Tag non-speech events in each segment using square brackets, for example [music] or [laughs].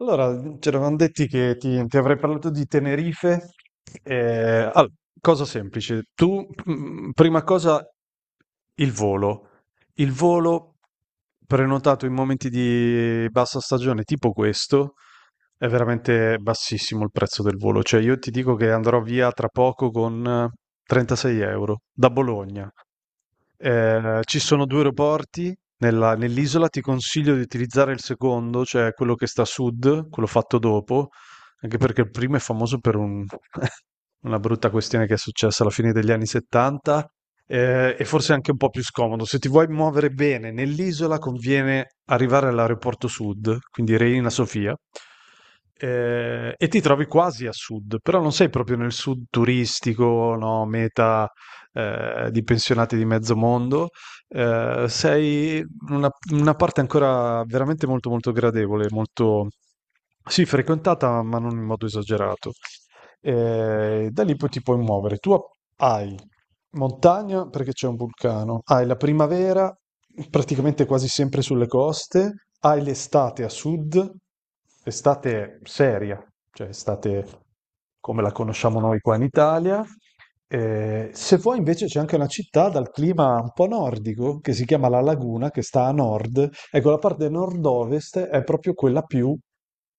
Allora, ci eravamo detti che ti avrei parlato di Tenerife. Eh, all- Cosa semplice. Tu, prima cosa, il volo. Il volo prenotato in momenti di bassa stagione, tipo questo, è veramente bassissimo il prezzo del volo. Cioè, io ti dico che andrò via tra poco con 36 euro da Bologna. Ci sono due aeroporti, nella nell'isola ti consiglio di utilizzare il secondo, cioè quello che sta a sud, quello fatto dopo, anche perché il primo è famoso per [laughs] una brutta questione che è successa alla fine degli anni 70, e forse anche un po' più scomodo. Se ti vuoi muovere bene nell'isola, conviene arrivare all'aeroporto sud, quindi Reina Sofia, e ti trovi quasi a sud, però non sei proprio nel sud turistico, no, meta di pensionati di mezzo mondo. Sei una parte ancora veramente molto molto gradevole, molto, sì, frequentata, ma non in modo esagerato. Da lì poi ti puoi muovere. Tu hai montagna perché c'è un vulcano, hai la primavera praticamente quasi sempre sulle coste, hai l'estate a sud, estate seria, cioè estate come la conosciamo noi qua in Italia. Se vuoi invece c'è anche una città dal clima un po' nordico che si chiama La Laguna, che sta a nord. Ecco, la parte nord-ovest è proprio quella più,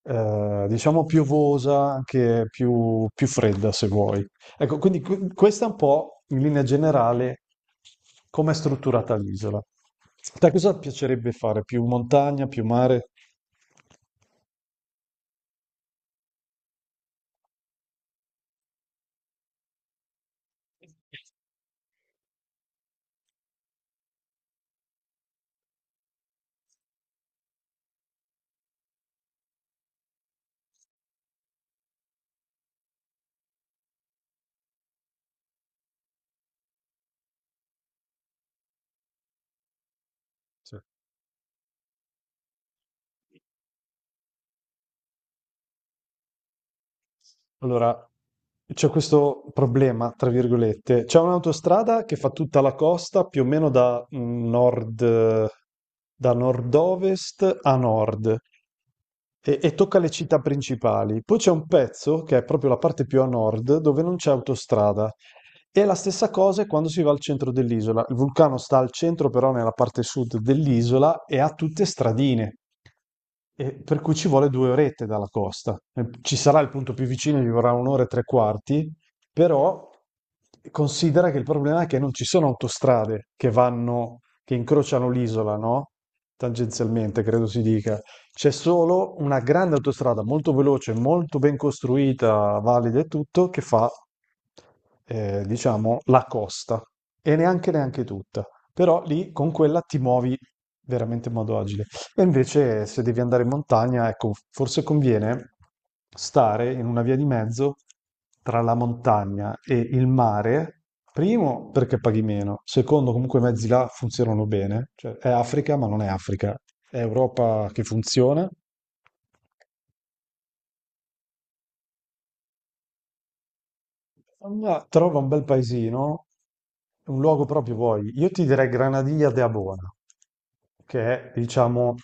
diciamo, piovosa, anche più, più fredda se vuoi. Ecco, quindi questa è un po' in linea generale come è strutturata l'isola. Te cosa piacerebbe fare? Più montagna, più mare? Sì. Allora, c'è questo problema, tra virgolette. C'è un'autostrada che fa tutta la costa più o meno da nord, da nord-ovest a nord e tocca le città principali. Poi c'è un pezzo che è proprio la parte più a nord dove non c'è autostrada. E la stessa cosa è quando si va al centro dell'isola. Il vulcano sta al centro, però nella parte sud dell'isola e ha tutte stradine, e per cui ci vuole due orette dalla costa. Ci sarà il punto più vicino, ci vorrà un'ora e tre quarti, però considera che il problema è che non ci sono autostrade che vanno, che incrociano l'isola, no? Tangenzialmente, credo si dica. C'è solo una grande autostrada molto veloce, molto ben costruita, valida e tutto, che fa, diciamo, la costa. E neanche tutta. Però lì con quella ti muovi veramente in modo agile. E invece se devi andare in montagna, ecco, forse conviene stare in una via di mezzo tra la montagna e il mare. Primo, perché paghi meno. Secondo, comunque i mezzi là funzionano bene. Cioè, è Africa, ma non è Africa. È Europa che funziona. Ma trova un bel paesino, un luogo proprio vuoi. Io ti direi Granadilla de Abona, che è, diciamo,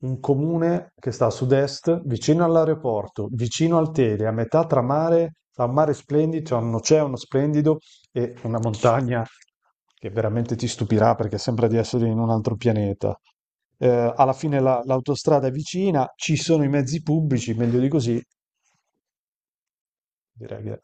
un comune che sta a sud-est, vicino all'aeroporto, vicino al Tele, a metà tra mare, tra un mare splendido, c'è un oceano splendido e una montagna che veramente ti stupirà perché sembra di essere in un altro pianeta. Alla fine l'autostrada è vicina, ci sono i mezzi pubblici, meglio di così, direi che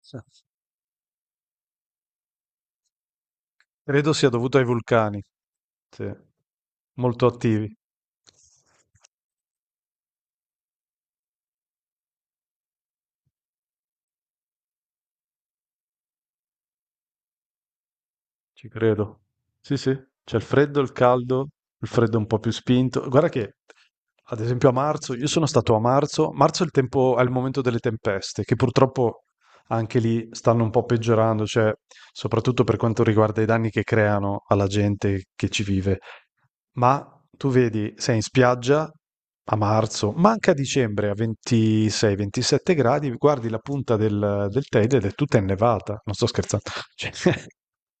sì. Credo sia dovuto ai vulcani, sì, molto attivi, ci credo. Sì, sì, c'è il freddo, il caldo, il freddo un po' più spinto. Guarda che, ad esempio, a marzo, io sono stato a marzo, marzo è il tempo, è il momento delle tempeste, che purtroppo anche lì stanno un po' peggiorando, cioè, soprattutto per quanto riguarda i danni che creano alla gente che ci vive. Ma tu vedi, sei in spiaggia a marzo, ma anche a dicembre a 26-27 gradi, guardi la punta del, del Teide ed è tutta innevata. Non sto scherzando. [laughs] Cioè,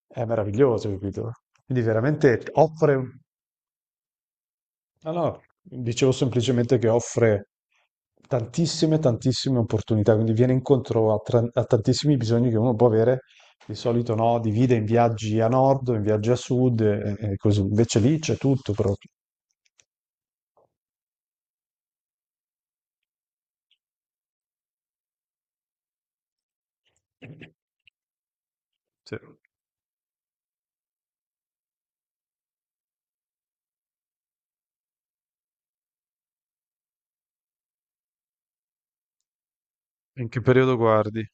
è meraviglioso, capito? Quindi veramente offre... No, no, dicevo semplicemente che offre tantissime, tantissime opportunità, quindi viene incontro a, a tantissimi bisogni che uno può avere. Di solito no, divide in viaggi a nord, in viaggi a sud e così. Invece lì c'è tutto proprio. Sì. In che periodo guardi?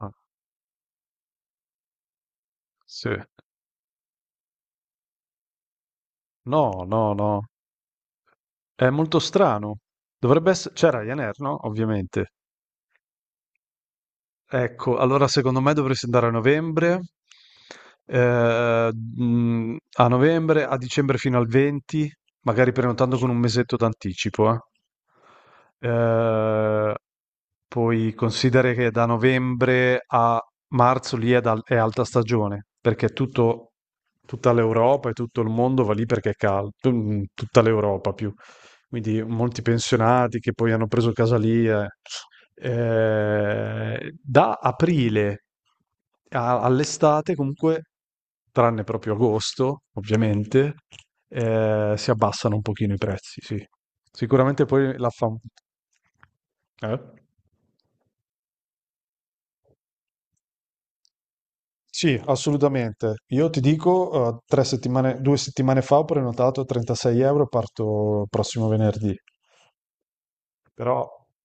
Ah, sì. No, no, no. È molto strano. Dovrebbe essere... C'è Ryanair, no? Ovviamente. Ecco, allora secondo me dovresti andare a novembre. A novembre, a dicembre fino al 20, magari prenotando con un mesetto d'anticipo, eh. Eh, poi considera che da novembre a marzo lì è, è alta stagione, perché tutta l'Europa e tutto il mondo va lì perché è caldo, tutta l'Europa più, quindi molti pensionati che poi hanno preso casalie. Da aprile all'estate, comunque, tranne proprio agosto, ovviamente, si abbassano un pochino i prezzi, sì. Sicuramente poi la fa... Eh? Sì, assolutamente. Io ti dico, tre settimane, due settimane fa ho prenotato a 36 euro, parto prossimo venerdì. Però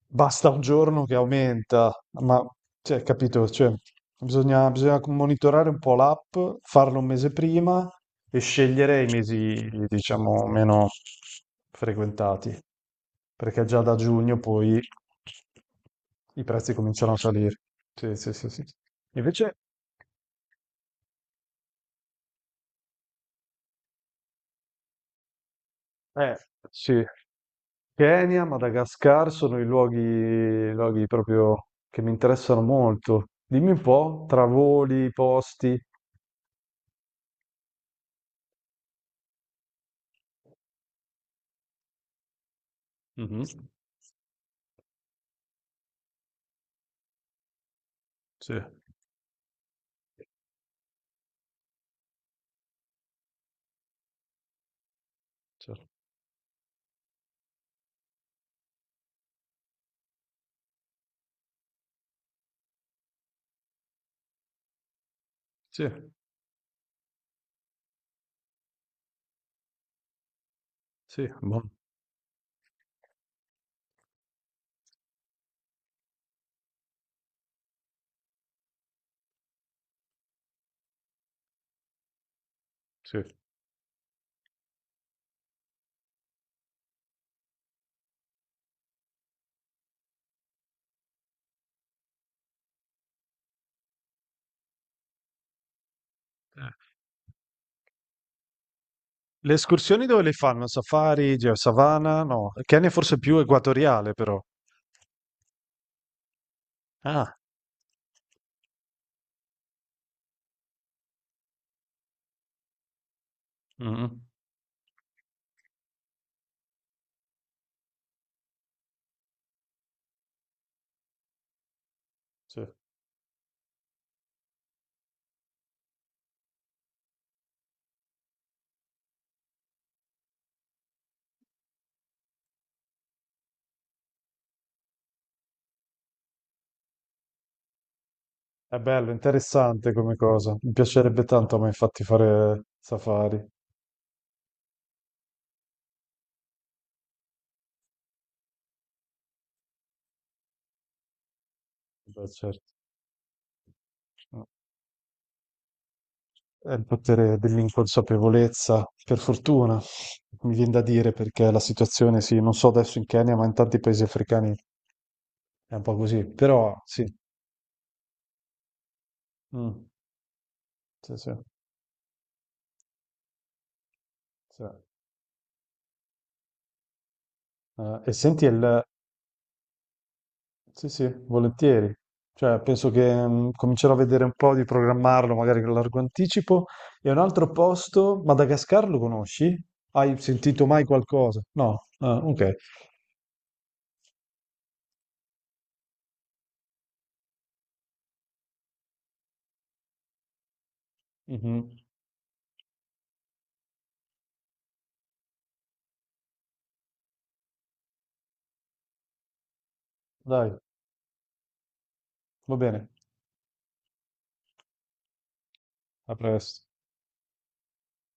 basta un giorno che aumenta, ma cioè, capito? Cioè, bisogna, bisogna monitorare un po' l'app, farlo un mese prima e scegliere i mesi, diciamo, meno frequentati, perché già da giugno poi i prezzi cominciano a salire. Sì, sì, sì, sì. Invece, eh, sì. Kenya, Madagascar sono i luoghi, luoghi proprio che mi interessano molto. Dimmi un po', tra voli, posti. Mhm. Sì, certo. Sì, sì, buono, sì. Le escursioni dove le fanno? Safari, savana? No, il Kenya è forse più equatoriale però. Ah, mhm, sì. È bello, interessante come cosa. Mi piacerebbe tanto a me infatti fare safari. Beh, certo. È il potere dell'inconsapevolezza, per fortuna, mi viene da dire, perché la situazione, sì, non so adesso in Kenya, ma in tanti paesi africani è un po' così, però sì, mm, sì, sì, sì. E senti il... Sì, sì, volentieri. Cioè, penso che comincerò a vedere un po' di programmarlo, magari con largo anticipo. E un altro posto, Madagascar lo conosci? Hai sentito mai qualcosa? No? Ah, ok. Mhm. Dai, va bene, a presto.